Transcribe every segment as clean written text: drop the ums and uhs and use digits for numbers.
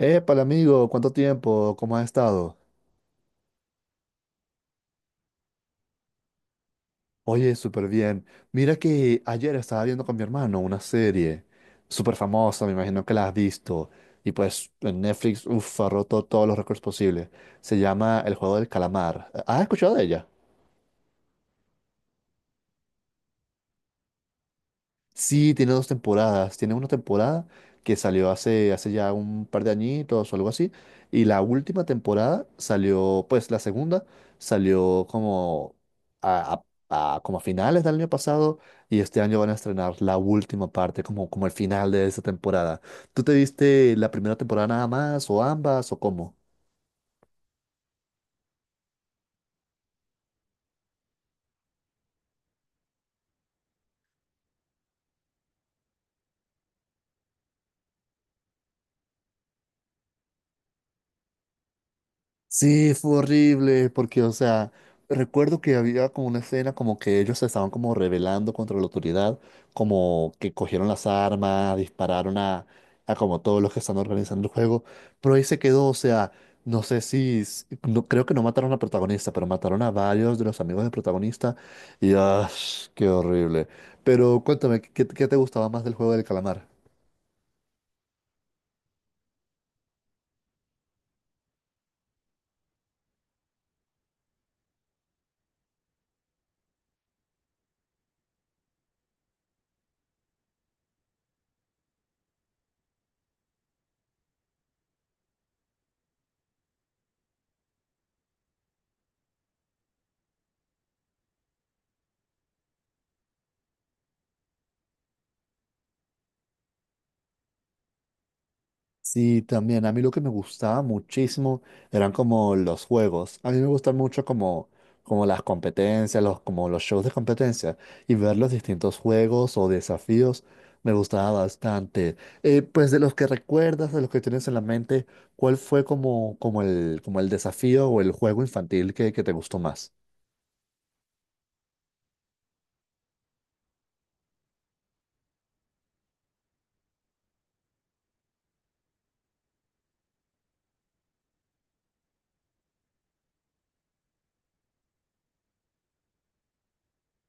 Épale, amigo, ¿cuánto tiempo? ¿Cómo has estado? Oye, súper bien. Mira que ayer estaba viendo con mi hermano una serie súper famosa, me imagino que la has visto. Y pues en Netflix, uff, ha roto todos los récords posibles. Se llama El Juego del Calamar. ¿Has escuchado de ella? Sí, tiene dos temporadas. Tiene una temporada que salió hace ya un par de añitos o algo así. Y la última temporada salió, pues la segunda salió como a, como a finales del año pasado. Y este año van a estrenar la última parte, como, como el final de esa temporada. ¿Tú te viste la primera temporada nada más, o ambas, o cómo? Sí, fue horrible, porque, o sea, recuerdo que había como una escena como que ellos se estaban como rebelando contra la autoridad, como que cogieron las armas, dispararon a como todos los que están organizando el juego, pero ahí se quedó, o sea, no sé si, s- no, creo que no mataron al protagonista, pero mataron a varios de los amigos del protagonista, y ¡ah! Qué horrible. Pero cuéntame, ¿qué te gustaba más del juego del calamar? Sí, también. A mí lo que me gustaba muchísimo eran como los juegos. A mí me gustan mucho como, como las competencias, los, como los shows de competencia y ver los distintos juegos o desafíos me gustaba bastante. Pues de los que recuerdas, de los que tienes en la mente, ¿cuál fue como, como el desafío o el juego infantil que te gustó más?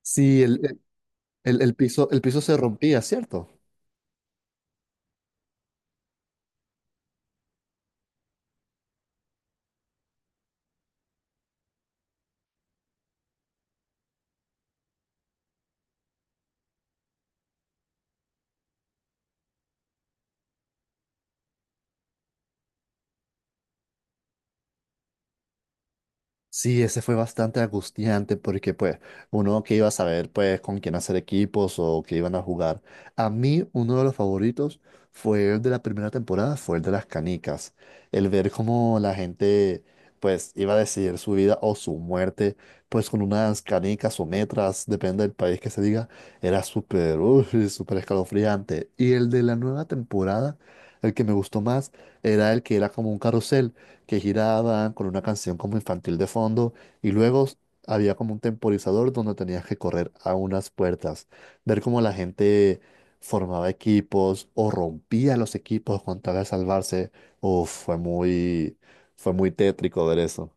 Sí, el piso se rompía, ¿cierto? Sí, ese fue bastante angustiante porque pues uno que iba a saber pues con quién hacer equipos o que iban a jugar. A mí uno de los favoritos fue el de la primera temporada, fue el de las canicas. El ver cómo la gente pues iba a decidir su vida o su muerte pues con unas canicas o metras, depende del país que se diga, era súper, uy, súper escalofriante. Y el de la nueva temporada, el que me gustó más era el que era como un carrusel que giraban con una canción como infantil de fondo y había como un temporizador donde tenías que correr a unas puertas, ver cómo la gente formaba equipos o rompía los equipos con tal de salvarse. Uf, fue muy tétrico ver eso.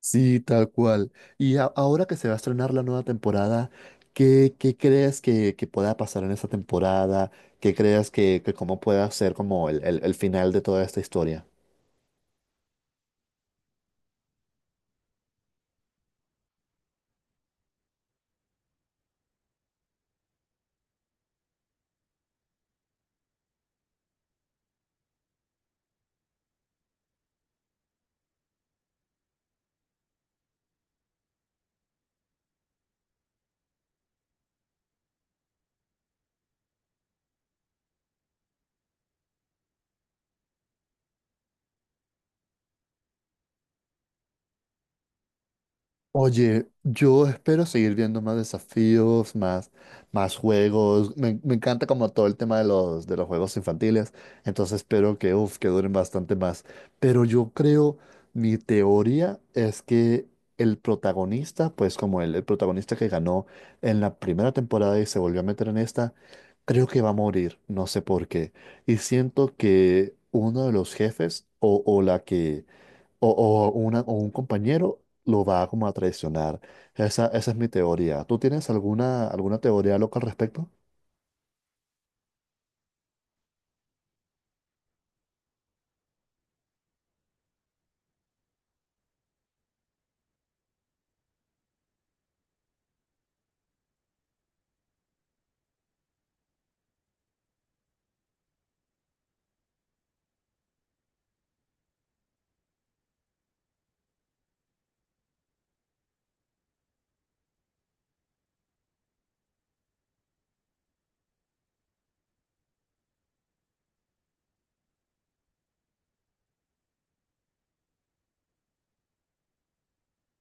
Sí, tal cual. Y ahora que se va a estrenar la nueva temporada, ¿qué crees que pueda pasar en esta temporada? ¿Qué crees que cómo pueda ser como el, el final de toda esta historia? Oye, yo espero seguir viendo más desafíos, más, más juegos. Me encanta como todo el tema de los juegos infantiles. Entonces espero que, uf, que duren bastante más. Pero yo creo, mi teoría es que el protagonista, pues como el protagonista que ganó en la primera temporada y se volvió a meter en esta, creo que va a morir. No sé por qué. Y siento que uno de los jefes o la que o una, o un compañero lo va como a traicionar. Esa es mi teoría. ¿Tú tienes alguna, alguna teoría loca al respecto?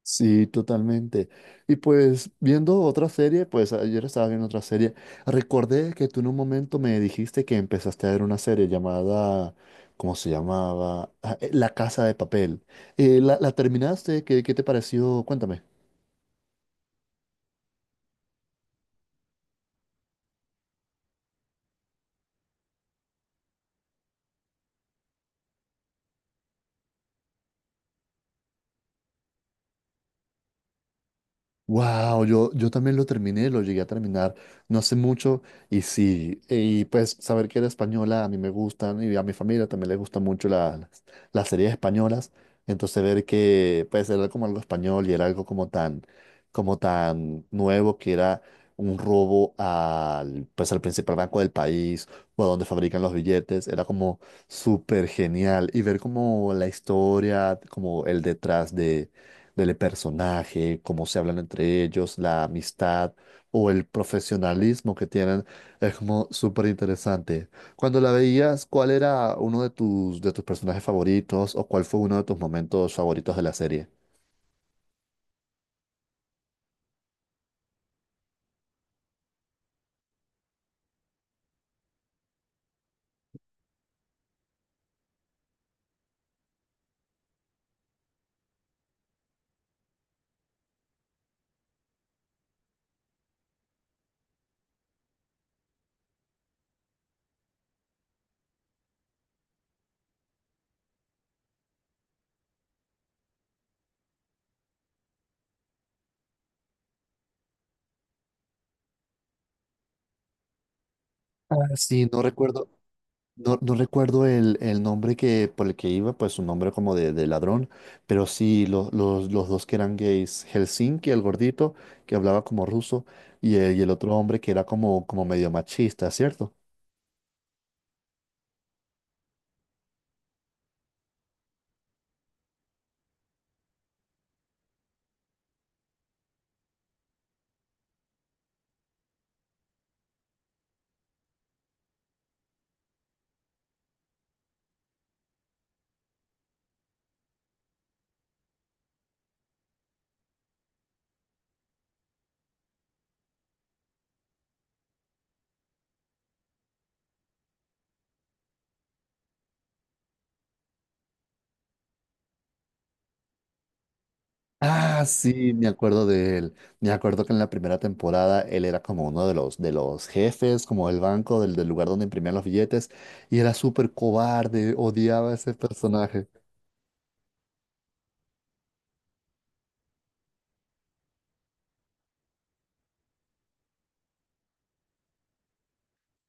Sí, totalmente. Y pues viendo otra serie, pues ayer estaba viendo otra serie, recordé que tú en un momento me dijiste que empezaste a ver una serie llamada, ¿cómo se llamaba? Ah, La Casa de Papel. ¿La, la terminaste? ¿Qué te pareció? Cuéntame. Wow, yo también lo terminé, lo llegué a terminar no hace mucho y sí, y pues saber que era española a mí me gustan y a mi familia también le gustan mucho la- las series españolas, entonces ver que pues era como algo español y era algo como tan nuevo que era un robo al, pues al principal banco del país o a donde fabrican los billetes, era como súper genial y ver como la historia, como el detrás del personaje, cómo se hablan entre ellos, la amistad o el profesionalismo que tienen, es como súper interesante. Cuando la veías, ¿cuál era uno de tus personajes favoritos o cuál fue uno de tus momentos favoritos de la serie? Ah, sí, no recuerdo, no, no recuerdo el nombre que, por el que iba, pues un nombre como de ladrón, pero sí, los dos que eran gays, Helsinki, el gordito, que hablaba como ruso, y el otro hombre que era como, como medio machista, ¿cierto? Ah, sí, me acuerdo de él. Me acuerdo que en la primera temporada él era como uno de los jefes, como del banco, del, del lugar donde imprimían los billetes, y era súper cobarde, odiaba a ese personaje.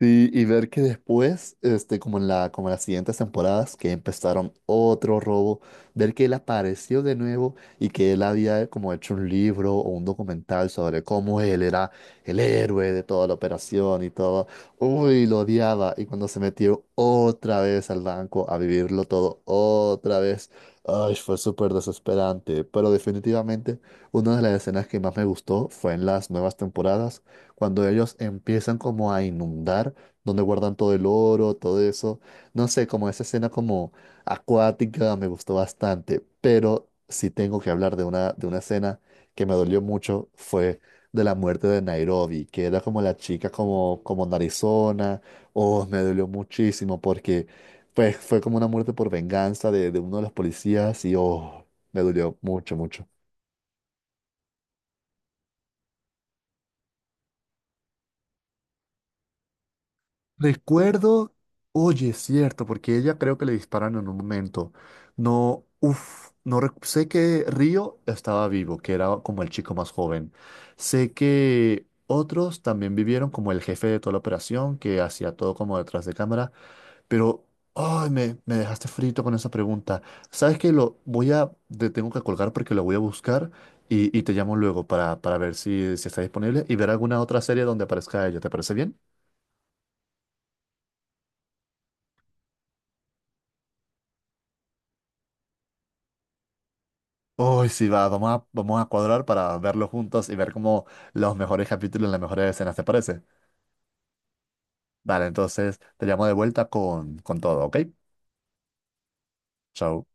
Sí, y ver que después, este, como en la, como en las siguientes temporadas, que empezaron otro robo, ver que él apareció de nuevo y que él había como hecho un libro o un documental sobre cómo él era el héroe de toda la operación y todo. Uy, lo odiaba. Y cuando se metió otra vez al banco a vivirlo todo otra vez, ay, fue súper desesperante. Pero definitivamente una de las escenas que más me gustó fue en las nuevas temporadas cuando ellos empiezan como a inundar, donde guardan todo el oro, todo eso. No sé, como esa escena como acuática me gustó bastante, pero si tengo que hablar de una escena que me dolió mucho, fue de la muerte de Nairobi, que era como la chica como, como narizona, oh, me dolió muchísimo porque pues fue como una muerte por venganza de uno de los policías y oh, me dolió mucho, mucho. Recuerdo, oye, es cierto, porque ella creo que le disparan en un momento. No, uff, no rec- sé que Río estaba vivo, que era como el chico más joven. Sé que otros también vivieron como el jefe de toda la operación, que hacía todo como detrás de cámara, pero ay, me dejaste frito con esa pregunta. ¿Sabes que lo voy a, te tengo que colgar porque lo voy a buscar y te llamo luego para ver si, si está disponible y ver alguna otra serie donde aparezca ella? ¿Te parece bien? Uy, sí, va, vamos a, vamos a cuadrar para verlo juntos y ver como los mejores capítulos, las mejores escenas, ¿te parece? Vale, entonces te llamo de vuelta con todo, ¿ok? Chao.